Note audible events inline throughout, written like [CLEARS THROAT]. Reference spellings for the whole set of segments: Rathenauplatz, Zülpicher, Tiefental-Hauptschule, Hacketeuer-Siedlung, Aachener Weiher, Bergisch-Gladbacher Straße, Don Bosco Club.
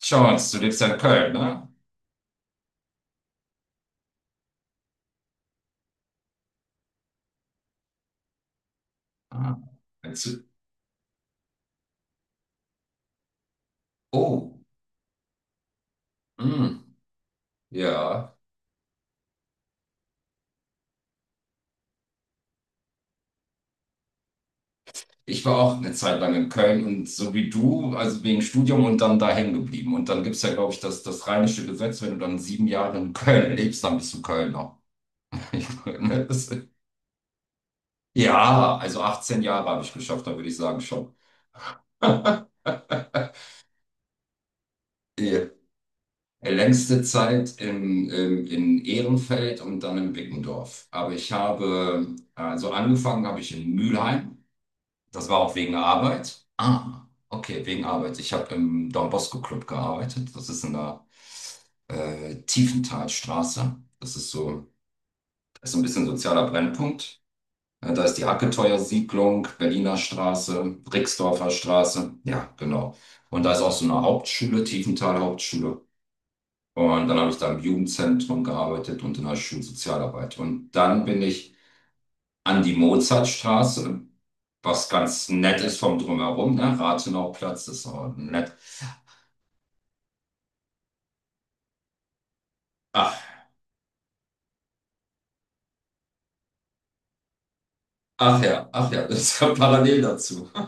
Jones, du lebst ja in Köln, ne? Ah, ein Zu- oh, mm, ja. Ich war auch eine Zeit lang in Köln und so wie du, also wegen Studium und dann da hängen geblieben. Und dann gibt es ja, glaube ich, das rheinische Gesetz: Wenn du dann 7 Jahre in Köln lebst, dann bist du Kölner. [LAUGHS] Ich meine. Ja, also 18 Jahre habe ich geschafft, da würde ich sagen schon. [LAUGHS] Die längste Zeit in Ehrenfeld und dann in Bickendorf. Aber ich habe, also angefangen habe ich in Mülheim. Das war auch wegen Arbeit. Ah, okay, wegen Arbeit. Ich habe im Don Bosco Club gearbeitet. Das ist in der Tiefenthalstraße. Das ist so ein bisschen sozialer Brennpunkt. Da ist die Hacketeuer-Siedlung, Berliner Straße, Rixdorfer Straße. Ja, genau. Und da ist auch so eine Hauptschule, Tiefental-Hauptschule. Und dann habe ich da im Jugendzentrum gearbeitet und in der Schulsozialarbeit. Und dann bin ich an die Mozartstraße, was ganz nett ist vom Drumherum, ne? Rathenauplatz ist auch nett. Ach, ach ja, [LAUGHS] das ist ja parallel dazu. [LAUGHS]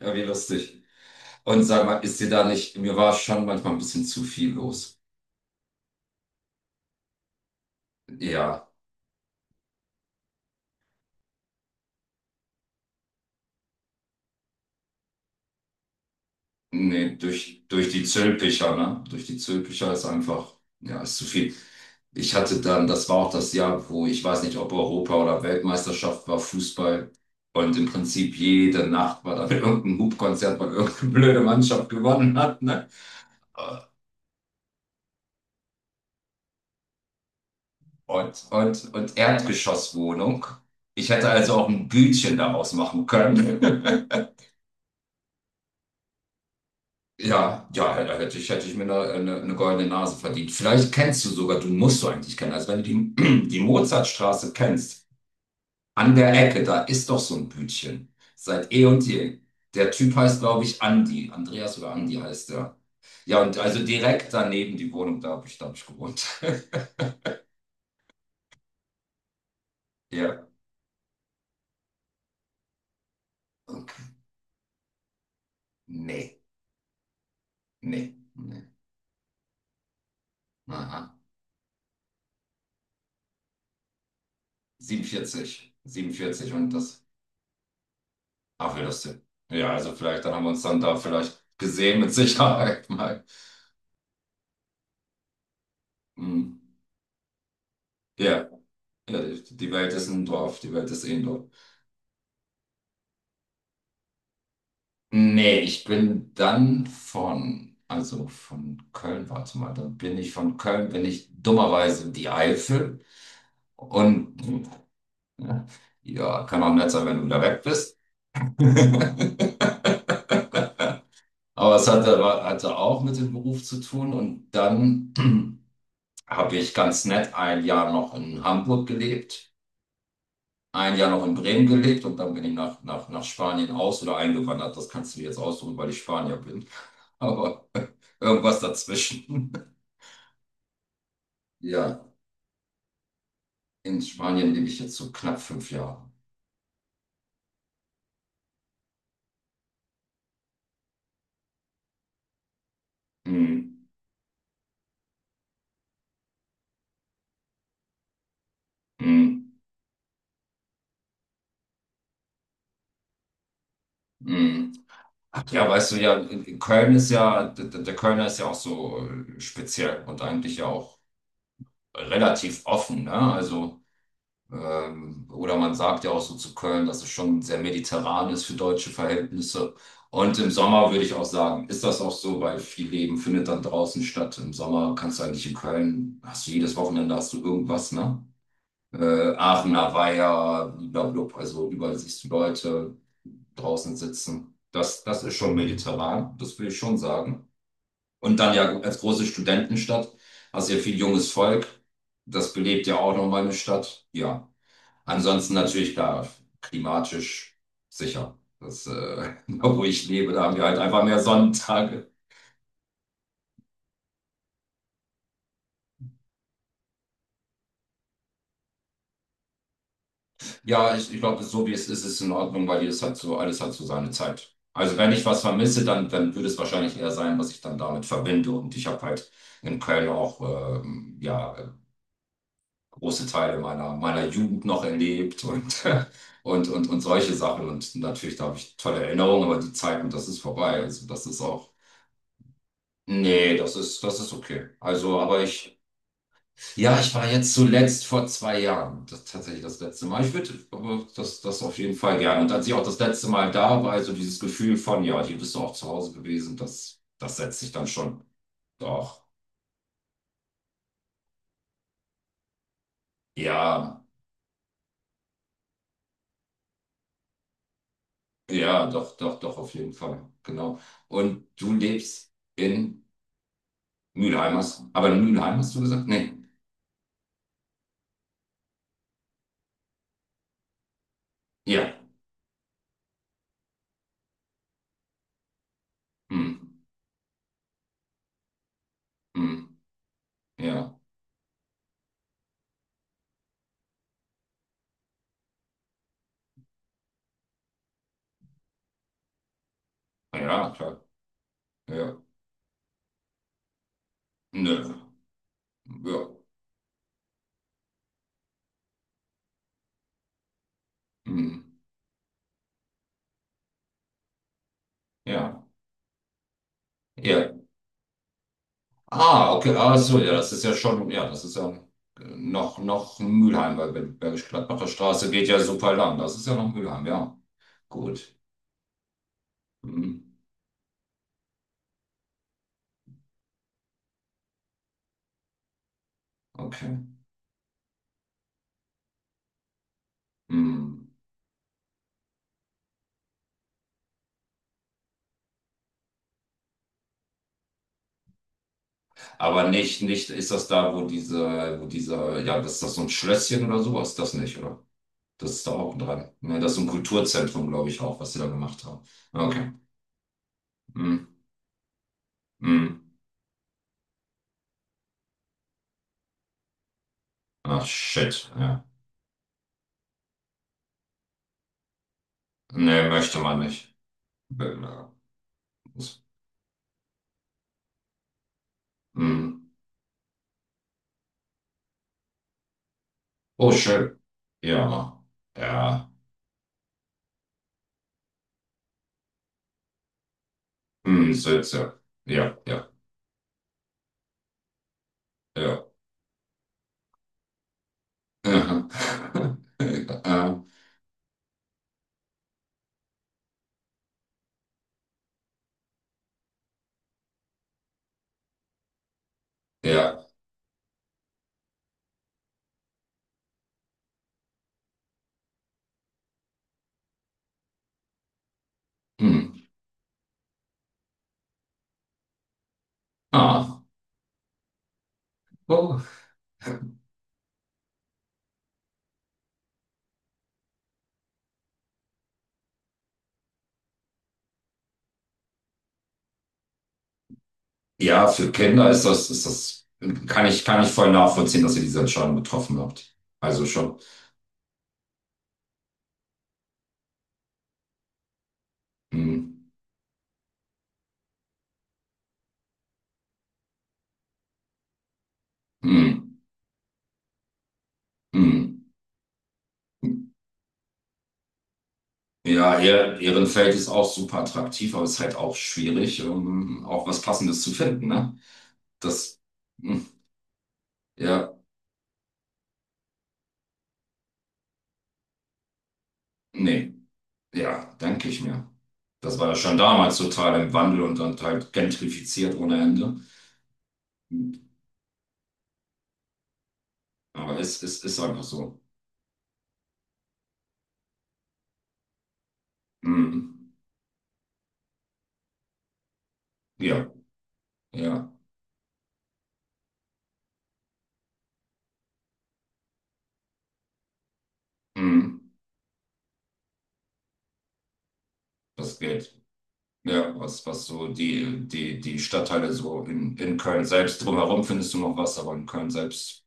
Ja, wie lustig. Und sag mal, ist dir da nicht, mir war schon manchmal ein bisschen zu viel los. Ja. Nee, durch die Zülpicher, ne? Durch die Zülpicher ist einfach, ja, ist zu viel. Ich hatte dann, das war auch das Jahr, wo ich weiß nicht, ob Europa oder Weltmeisterschaft war, Fußball. Und im Prinzip jede Nacht war dann [LAUGHS] irgendein Hupkonzert, weil irgendeine blöde Mannschaft gewonnen hat, ne? Und Erdgeschosswohnung. Ich hätte also auch ein Bütchen daraus machen können. [LAUGHS] Ja, ja, ja, da hätte ich mir eine goldene Nase verdient. Vielleicht kennst du sogar, du musst du eigentlich kennen. Also wenn du die, [CLEARS THROAT] die Mozartstraße kennst, an der Ecke, da ist doch so ein Bütchen. Seit eh und je. Der Typ heißt, glaube ich, Andi. Andreas oder Andi heißt er. Ja, und also direkt daneben die Wohnung, da hab ich gewohnt. [LAUGHS] Ja, okay. Nee, nee, nee. Aha. 47, 47 und das. Ach, wie lustig. Ja, also vielleicht, dann haben wir uns dann da vielleicht gesehen mit Sicherheit mal. Hm. Ja, ja, die Welt ist ein Dorf, die Welt ist eh ein Dorf. Nee, ich bin dann von, also von Köln, warte mal, dann bin ich von Köln, bin ich dummerweise in die Eifel und hm, ja, kann auch nett sein, wenn du wieder weg bist. [LAUGHS] Aber es hatte auch mit dem Beruf zu tun und dann [CLEARS THROAT] habe ich ganz nett ein Jahr noch in Hamburg gelebt. Ein Jahr noch in Bremen gelebt und dann bin ich nach Spanien aus oder eingewandert. Das kannst du dir jetzt aussuchen, weil ich Spanier bin. [LAUGHS] Aber irgendwas dazwischen. [LAUGHS] Ja, in Spanien lebe ich jetzt so knapp 5 Jahre. Hm, hm, hm. Ach ja, weißt du, ja, in Köln ist ja, der Kölner ist ja auch so speziell und eigentlich ja auch relativ offen, ne? Also. Oder man sagt ja auch so zu Köln, dass es schon sehr mediterran ist für deutsche Verhältnisse. Und im Sommer würde ich auch sagen, ist das auch so, weil viel Leben findet dann draußen statt. Im Sommer kannst du eigentlich in Köln, hast du jedes Wochenende hast du irgendwas, ne? Aachener Weiher, blablabla, also überall siehst du Leute draußen sitzen. Das ist schon mediterran, das will ich schon sagen. Und dann ja als große Studentenstadt hast du ja viel junges Volk. Das belebt ja auch noch meine Stadt. Ja. Ansonsten natürlich klar, klimatisch sicher. Das, [LAUGHS] da wo ich lebe, da haben wir halt einfach mehr Sonnentage. Ja, ich glaube, so wie es ist, ist es in Ordnung, weil jedes hat so, alles hat so seine Zeit. Also wenn ich was vermisse, dann würde es wahrscheinlich eher sein, was ich dann damit verbinde. Und ich habe halt in Köln auch ja, große Teile meiner Jugend noch erlebt [LAUGHS] und solche Sachen. Und natürlich, da habe ich tolle Erinnerungen, aber die Zeiten, das ist vorbei. Also das ist auch. Nee, das ist, okay. Also, aber ich, ja, ich war jetzt zuletzt vor 2 Jahren, das, tatsächlich das letzte Mal. Ich würde aber das auf jeden Fall gerne. Und als ich auch das letzte Mal da war, also dieses Gefühl von, ja, hier bist du auch zu Hause gewesen, das setzt sich dann schon. Doch, ja, ja, doch, doch, doch, auf jeden Fall. Genau. Und du lebst in Mülheim, hast, aber in Mülheim hast du gesagt? Nee. Ja. Hm, hm, ja. Ja, klar. Ja. Nö. Ja. Hm. Ja, ja. Ah, okay, ah, so, ja, das ist ja schon, ja, das ist ja noch Mülheim, weil Bergisch-Gladbacher Straße geht ja super lang. Das ist ja noch Mülheim, ja. Gut. Hm, okay. Hm. Aber nicht, nicht, ist das da, wo diese, wo dieser, ja, das ist das so ein Schlösschen oder sowas? Das nicht, oder? Das ist da auch dran. Ne, das ist so ein Kulturzentrum, glaube ich, auch, was sie da gemacht haben. Okay. Hm, hm. Ach, shit, ja. Nee, möchte man nicht. Be- Hm. Oh, schön. Ja, ja. Hm, Sitze. Ja, ja, ja. Aha. [LAUGHS] Ja, ja. Hm. Ah. Oh. Ja, für Kinder ist das, kann ich voll nachvollziehen, dass ihr diese Entscheidung getroffen habt. Also schon. Hm. Hm. Hm. Ja, ihr, ihren Feld ist auch super attraktiv, aber es ist halt auch schwierig, um auch was Passendes zu finden, ne? Das, hm. Ja, nee. Ja, denke ich mir. Das war ja schon damals total im Wandel und dann halt gentrifiziert ohne Ende. Aber es ist einfach so. Mhm. Ja, ja. Mhm. Das geht. Ja, was so die, die Stadtteile so in Köln selbst drumherum findest du noch was, aber in Köln selbst.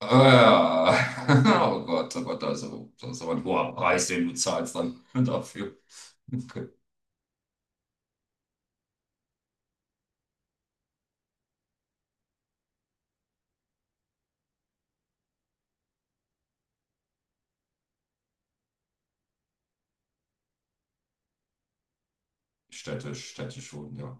Ah, [LAUGHS] ja. Oh Gott, aber da ist, aber, da ist aber ein hoher Preis, den du zahlst dann [LAUGHS] dafür. Städtisch, städtisch wohnen, ja.